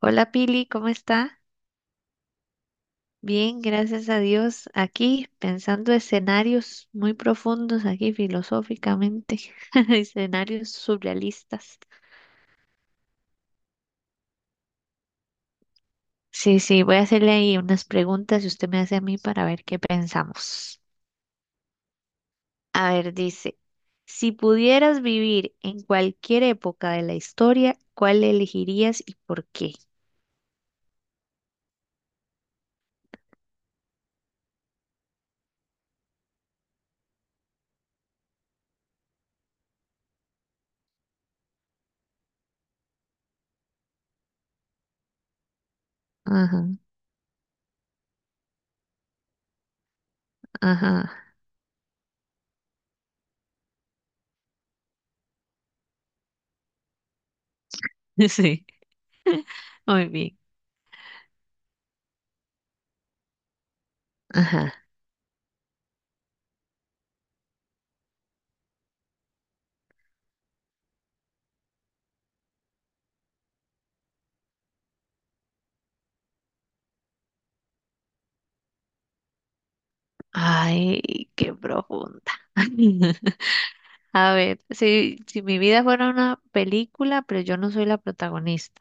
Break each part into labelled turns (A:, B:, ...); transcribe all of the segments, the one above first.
A: Hola Pili, ¿cómo está? Bien, gracias a Dios. Aquí pensando escenarios muy profundos, aquí filosóficamente, escenarios surrealistas. Sí, voy a hacerle ahí unas preguntas y usted me hace a mí para ver qué pensamos. A ver, dice, si pudieras vivir en cualquier época de la historia, ¿cuál elegirías y por qué? Ajá, ajá. Sí, muy bien. Ajá. Ay, qué profunda. A ver, si mi vida fuera una película, pero yo no soy la protagonista.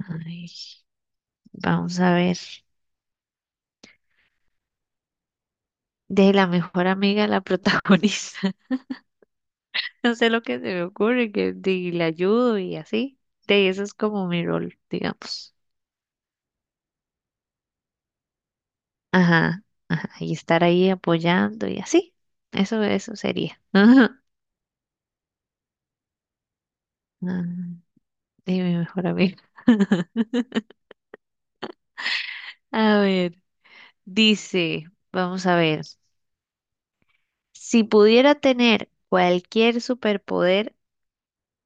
A: Ay, vamos a ver. De la mejor amiga de la protagonista. No sé lo que se me ocurre, le ayudo y así. De eso es como mi rol, digamos. Ajá, ajá. Y estar ahí apoyando y así. Eso sería. Ajá. Ah, de mi mejor amiga. A ver, dice, vamos a ver. Si pudiera tener cualquier superpoder,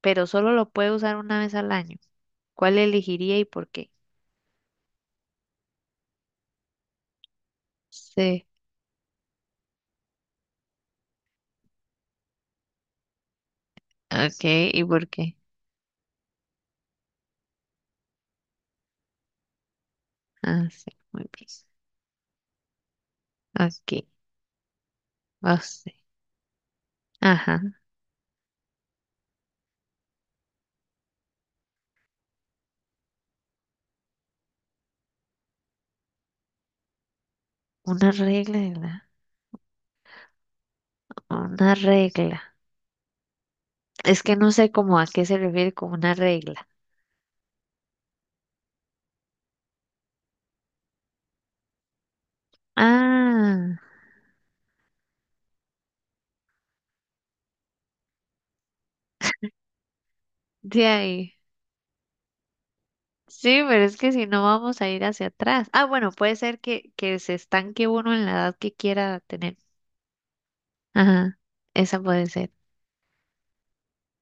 A: pero solo lo puede usar una vez al año. ¿Cuál elegiría y por qué? Sí. Ok, ¿y por qué? Ah, sí, muy bien. Ok, vamos. Ajá, una regla, una regla. Es que no sé cómo a qué se refiere con una regla. Ah, de ahí. Sí, pero es que si no vamos a ir hacia atrás. Ah, bueno, puede ser que se estanque uno en la edad que quiera tener. Ajá, esa puede ser.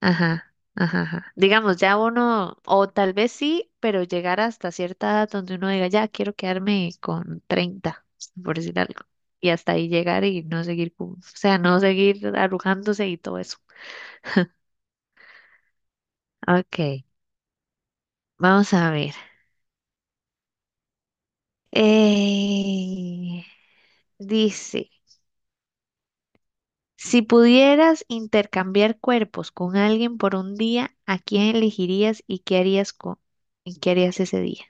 A: Ajá, ajá, ajá. Digamos, ya uno, o tal vez sí, pero llegar hasta cierta edad donde uno diga, ya quiero quedarme con 30 por decir algo. Y hasta ahí llegar y no seguir, o sea, no seguir arrugándose y todo eso. Ok, vamos a ver. Eh, dice, si pudieras intercambiar cuerpos con alguien por un día, ¿a quién elegirías y qué harías y qué harías ese día?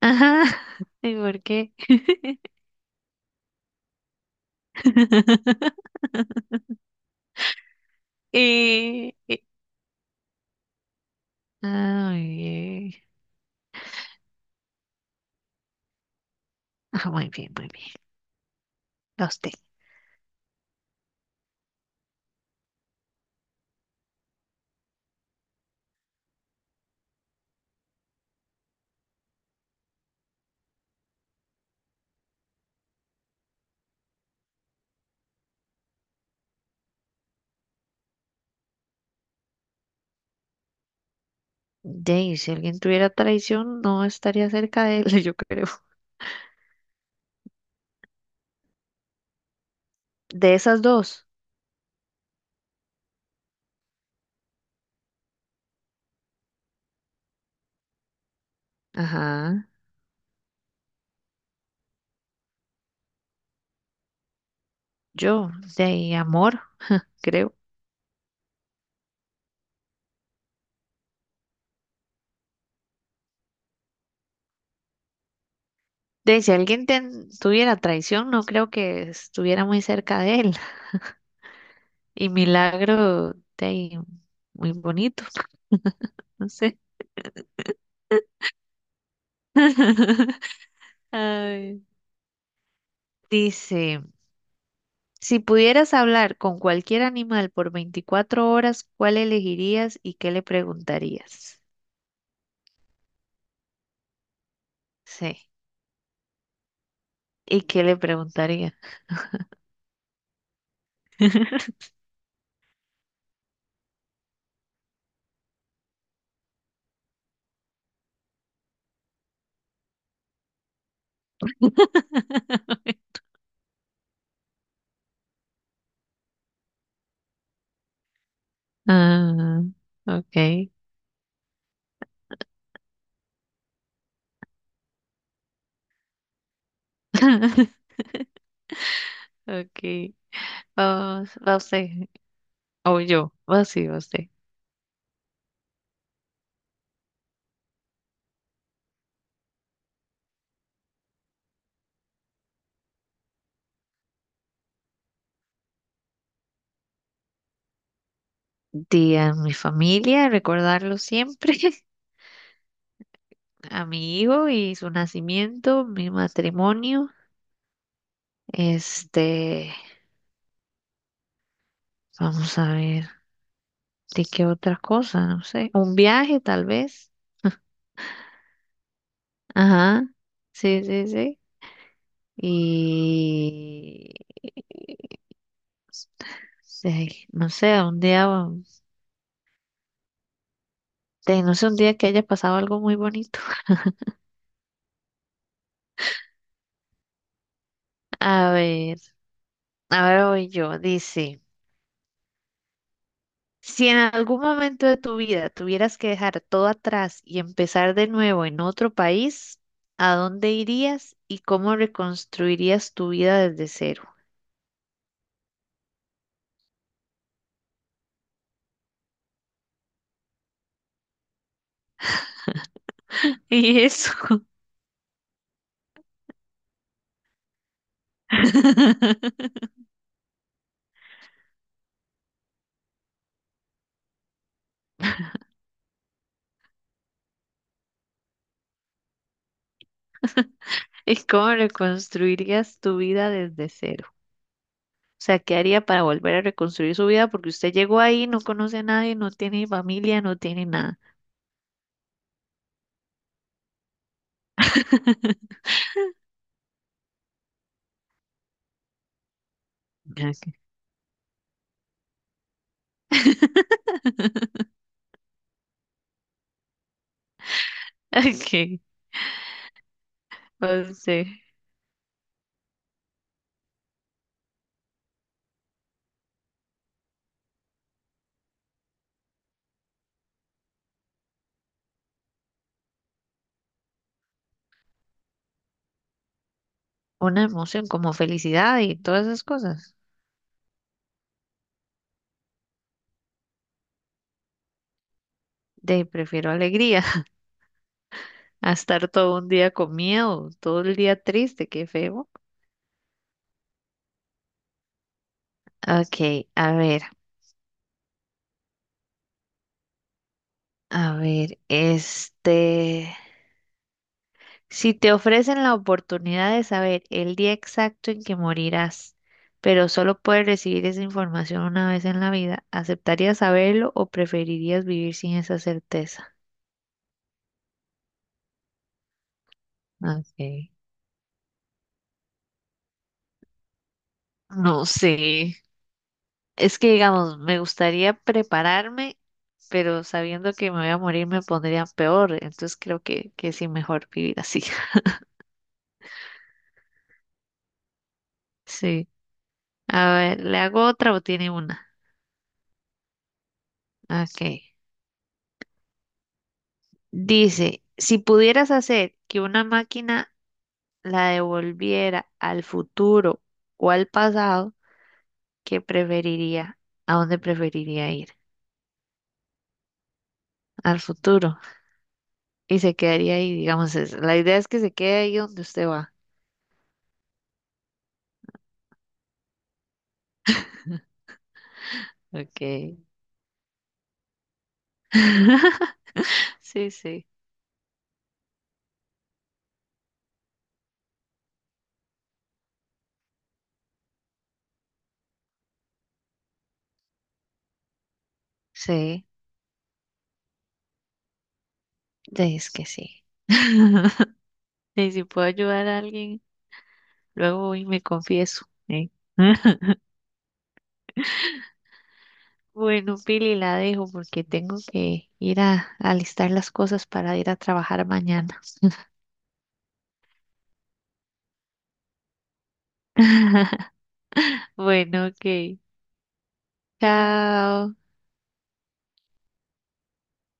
A: Ajá, ¿y por qué? Y, y- ah, muy bien. Ah, muy bien, muy bien. A usted. Dey, si alguien tuviera traición, no estaría cerca de él, yo creo. De esas dos. Ajá. Yo, de amor, creo. De si alguien tuviera traición, no creo que estuviera muy cerca de él. Y milagro, de muy bonito, no sé. Ay. Dice. Si pudieras hablar con cualquier animal por 24 horas, ¿cuál elegirías y qué le preguntarías? Sí, ¿y qué le preguntaría? Ah, ok. Ok. Vamos, va usted. O yo. Va sí, va usted. Di a mi familia, recordarlo siempre. A mi hijo y su nacimiento, mi matrimonio. Este, vamos a ver. ¿De qué otra cosa? No sé. Un viaje, tal vez. Ajá. Sí. Y sí, no sé, a un día, no sé, un día que haya pasado algo muy bonito. A ver, a ver, hoy yo, dice, si en algún momento de tu vida tuvieras que dejar todo atrás y empezar de nuevo en otro país, ¿a dónde irías y cómo reconstruirías tu vida desde cero? Y eso. ¿Y cómo reconstruirías tu vida desde cero? O sea, ¿qué haría para volver a reconstruir su vida? Porque usted llegó ahí, no conoce a nadie, no tiene familia, no tiene nada. Ok, ok, no sé. Una emoción como felicidad y todas esas cosas. De prefiero alegría a estar todo un día con miedo, todo el día triste, qué feo. Ok, a ver, este. Si te ofrecen la oportunidad de saber el día exacto en que morirás, pero solo puedes recibir esa información una vez en la vida, ¿aceptarías saberlo o preferirías vivir sin esa certeza? Ok. No sé. Es que, digamos, me gustaría prepararme, pero sabiendo que me voy a morir me pondría peor. Entonces creo que sí, mejor vivir así. Sí. A ver, ¿le hago otra o tiene una? Ok. Dice, si pudieras hacer que una máquina la devolviera al futuro o al pasado, ¿qué preferiría? ¿A dónde preferiría ir? Al futuro. Y se quedaría ahí, digamos, la idea es que se quede ahí donde usted va. Ok. Sí, sí. Sí, es que sí. Y si puedo ayudar a alguien, luego voy y me confieso. ¿Eh? Bueno, Pili, la dejo porque tengo que ir a alistar las cosas para ir a trabajar mañana. Bueno, ok. Chao.